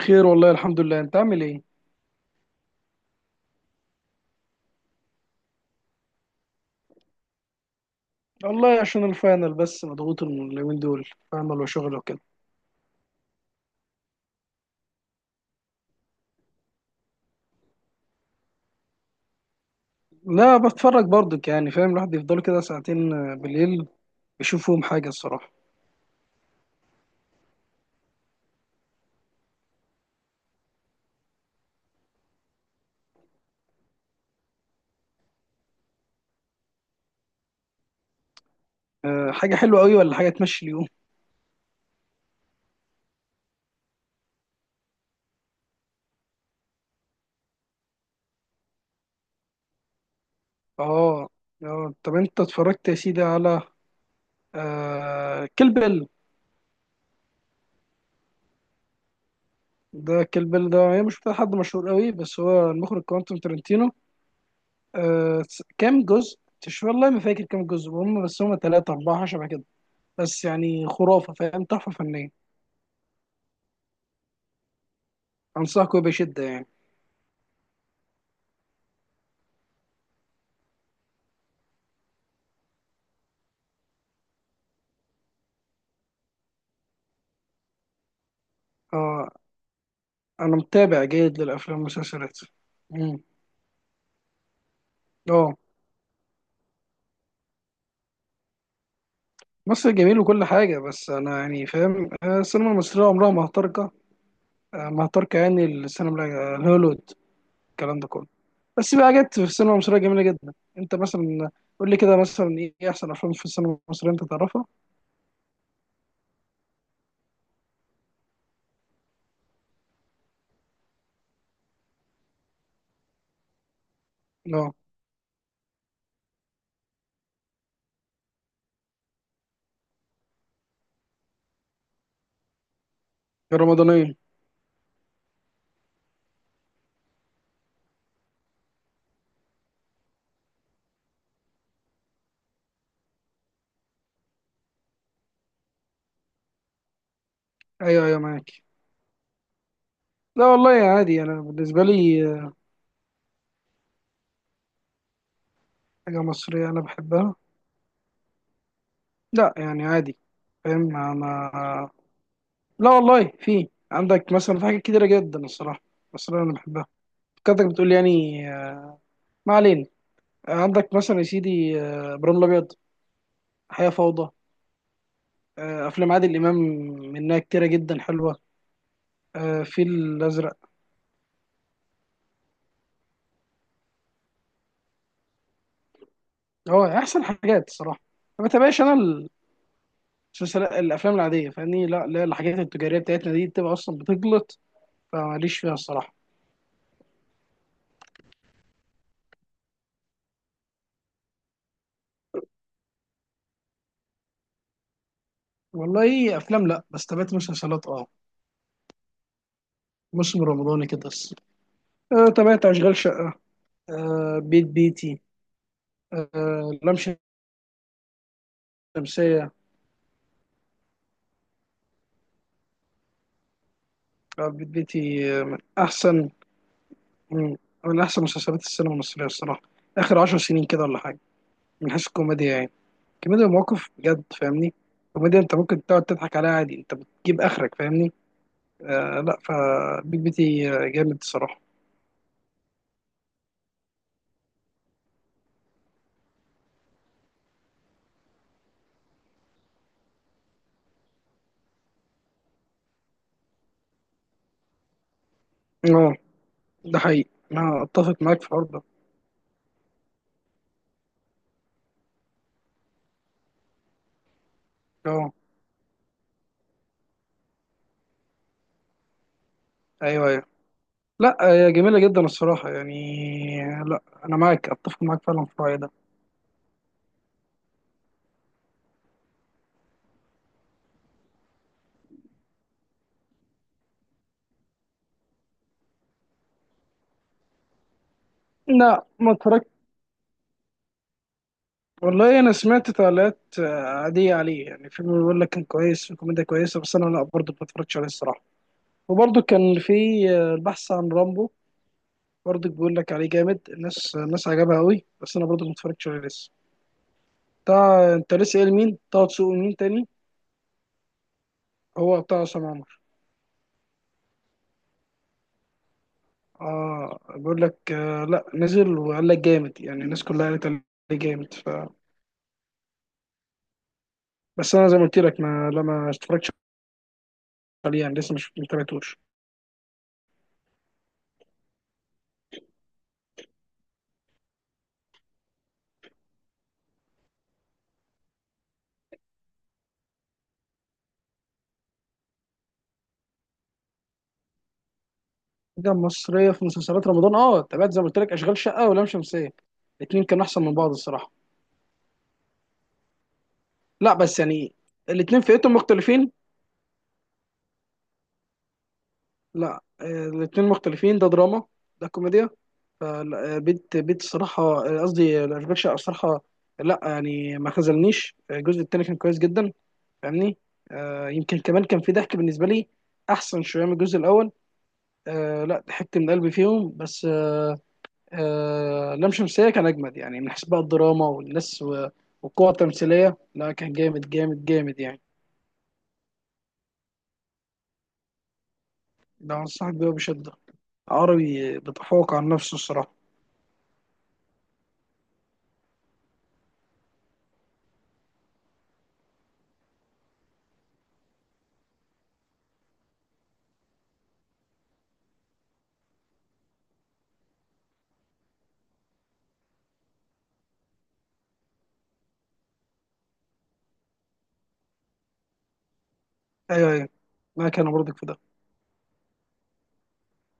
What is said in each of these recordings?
خير والله الحمد لله. انت عامل ايه؟ والله عشان الفاينل بس، مضغوط اليومين دول. فاينل وشغل وكده. لا، بتفرج برضك يعني، فاهم؟ الواحد يفضل كده ساعتين بالليل، يشوف فيهم حاجه الصراحه. أه، حاجه حلوه قوي ولا حاجه تمشي اليوم؟ اه. اه، طب انت اتفرجت يا سيدي على أه كيل بيل؟ ده كيل بيل ده، هي مش بتاع حد مشهور قوي، بس هو المخرج كوانتوم ترنتينو. أه كام جزء. مش والله ما فاكر كام جزء هم، بس هم ثلاثة أربعة شبه كده. بس يعني خرافة، فاهم، تحفة فنية. أنصحك بشدة يعني. اه. أنا متابع جيد للأفلام والمسلسلات. مم. اه. مصر جميل وكل حاجة، بس أنا يعني فاهم السينما المصرية عمرها ما هتركة. ما هتركة يعني السينما الهوليوود، الكلام ده كله. بس في حاجات في السينما المصرية جميلة جدا. أنت مثلا قول لي كده، مثلا إيه أحسن أفلام في السينما المصرية أنت تعرفها؟ اه. الرمضانية. أيوه أيوه، معاك. لا والله عادي. أنا بالنسبة لي حاجة مصرية أنا بحبها. لا يعني عادي. فاهم أنا. لا والله في عندك مثلا في حاجات كتيرة جدا الصراحة بس أنا بحبها. كنتك بتقول يعني. آه، ما علينا. عندك مثلا يا سيدي إبراهيم الأبيض، حياة فوضى، أفلام عادل إمام، منها كتيرة جدا حلوة. الفيل الأزرق. هو أحسن حاجات الصراحة. ما بتابعش أنا المسلسلات، الأفلام العادية فاهمني. لا لا، الحاجات التجارية بتاعتنا دي بتبقى أصلا بتغلط، فماليش فيها الصراحة. والله أفلام لا، بس تابعت مسلسلات أه. موسم رمضاني كده بس. تابعت أشغال شقة، بيت بيتي، لام شمسية. بيت بيتي من أحسن، من من أحسن مسلسلات السينما المصرية الصراحة آخر عشر سنين كده، ولا حاجة. من حيث الكوميديا يعني، كوميديا المواقف بجد فاهمني. كوميديا أنت ممكن تقعد تضحك عليها عادي، أنت بتجيب آخرك فاهمني. آه لا، فبيت بيتي جامد الصراحة. أه. ده حقيقي، أنا أتفق معاك في الحوار ده. أه. أيوه أيوه. لا هي جميلة جدا الصراحة يعني. لا أنا معاك، أتفق معاك فعلا في الرأي ده. لا ما اتفرجتش. والله انا سمعت تعليقات عاديه عليه يعني، فيلم بيقول لك كان كويس وكوميديا كويسه، بس انا لا برضه ما اتفرجتش عليه الصراحه. وبرضه كان في البحث عن رامبو. برضه بيقول لك عليه جامد، الناس عجبها قوي، بس انا برضه ما اتفرجتش عليه لسه. بتاع انت لسه قايل مين؟ طه دسوقي، مين تاني؟ هو بتاع عصام عمر. اه بيقول لك، آه لا نزل وقال لك جامد يعني، الناس كلها قالت عليه جامد ف… بس انا زي ما قلت لك ما اتفرجتش عليه يعني، لسه مش متابعتوش. حاجة مصرية في مسلسلات رمضان، اه تابعت زي ما قلت لك أشغال شقة ولام شمسية. الاتنين كانوا أحسن من بعض الصراحة. لا بس يعني الاتنين فئتهم مختلفين. لا الاتنين مختلفين، ده دراما ده كوميديا. فلا، بيت بيت الصراحة، قصدي أشغال شقة الصراحة. لا يعني ما خذلنيش الجزء التاني كان كويس جدا فاهمني. يمكن كمان كان في ضحك بالنسبة لي أحسن شوية من الجزء الأول. لا ضحكت من قلبي فيهم، بس لام شمسية كان أجمد يعني، من حيث بقى الدراما والناس والقوة التمثيلية. لا كان جامد جامد جامد يعني. ده أنصحك بيه بشدة، عربي بيتفوق عن نفسه الصراحة. أيوه أيوه. ما كان برضك في ده.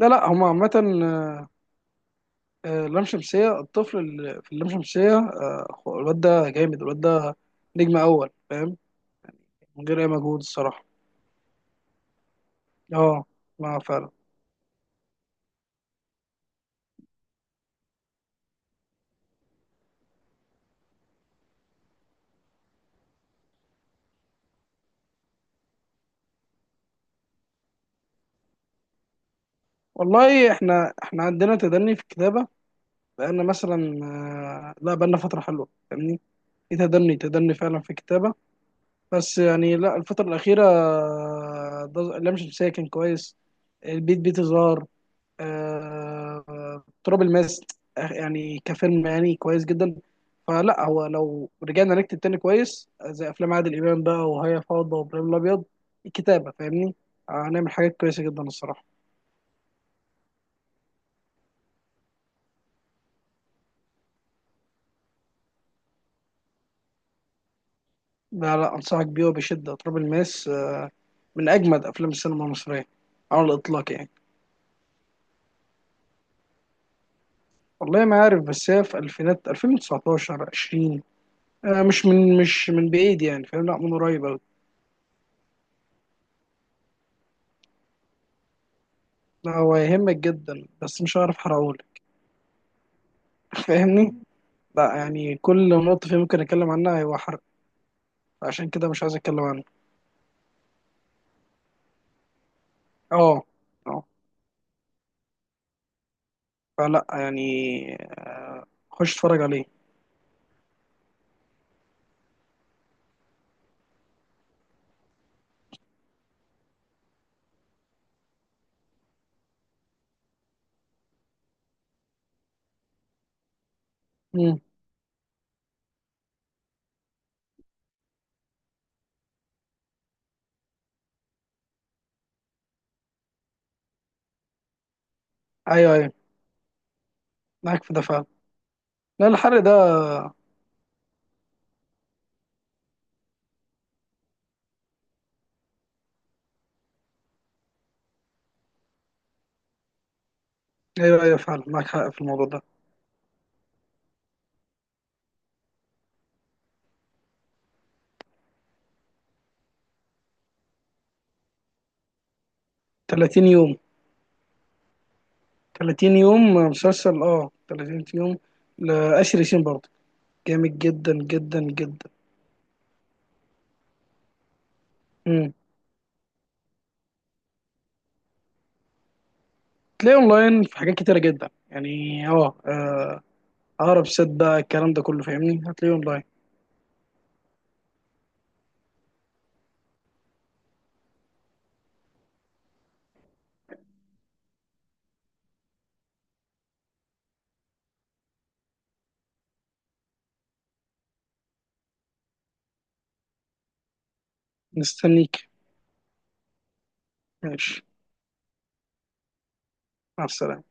لا لا هما عامة لام شمسية، الطفل اللي في اللام شمسية هو الواد ده جامد، الواد ده نجم أول فاهم، من غير أي مجهود الصراحة. اه، ما فعلا. والله احنا عندنا تدني في الكتابة بقالنا مثلا لا بقالنا فترة حلوة فاهمني. في تدني فعلا في الكتابة. بس يعني لا الفترة الأخيرة، لام شمسية كان كويس، البيت بيت زهر، تراب الماس، يعني كفيلم يعني كويس جدا. فلا، هو لو رجعنا نكتب تاني كويس زي أفلام عادل إمام بقى وهي فوضى وإبراهيم الأبيض، الكتابة فاهمني، هنعمل حاجات كويسة جدا الصراحة. لا لا، أنصحك بيه وبشدة. تراب الماس من أجمد أفلام السينما المصرية على الإطلاق يعني. والله ما عارف، بس هي في الفينات 2019 20. آه مش من، مش من بعيد يعني فاهم، لا من قريب أوي. لا هو يهمك جدا، بس مش هعرف احرقهولك. فاهمني، لا يعني كل نقطة فيه ممكن اتكلم عنها هيبقى حرق. عشان كده مش عايز اتكلم عنه. اه. اه. فلا يعني، آه خش اتفرج عليه. مم. ايوه ايوه، معاك في ده فعلا. لا الحرق ده… ايوه ايوه، فعلا معاك حق في الموضوع ده. 30 يوم. 30 يوم مسلسل، اه 30 يوم لآسر ياسين برضه، جامد جدا جدا جدا. امم، تلاقيه اونلاين في حاجات كتيره جدا يعني. اه اقرب سيت بقى الكلام ده كله فاهمني، هتلاقيه اونلاين. مستنيك. ماشي. مع السلامه.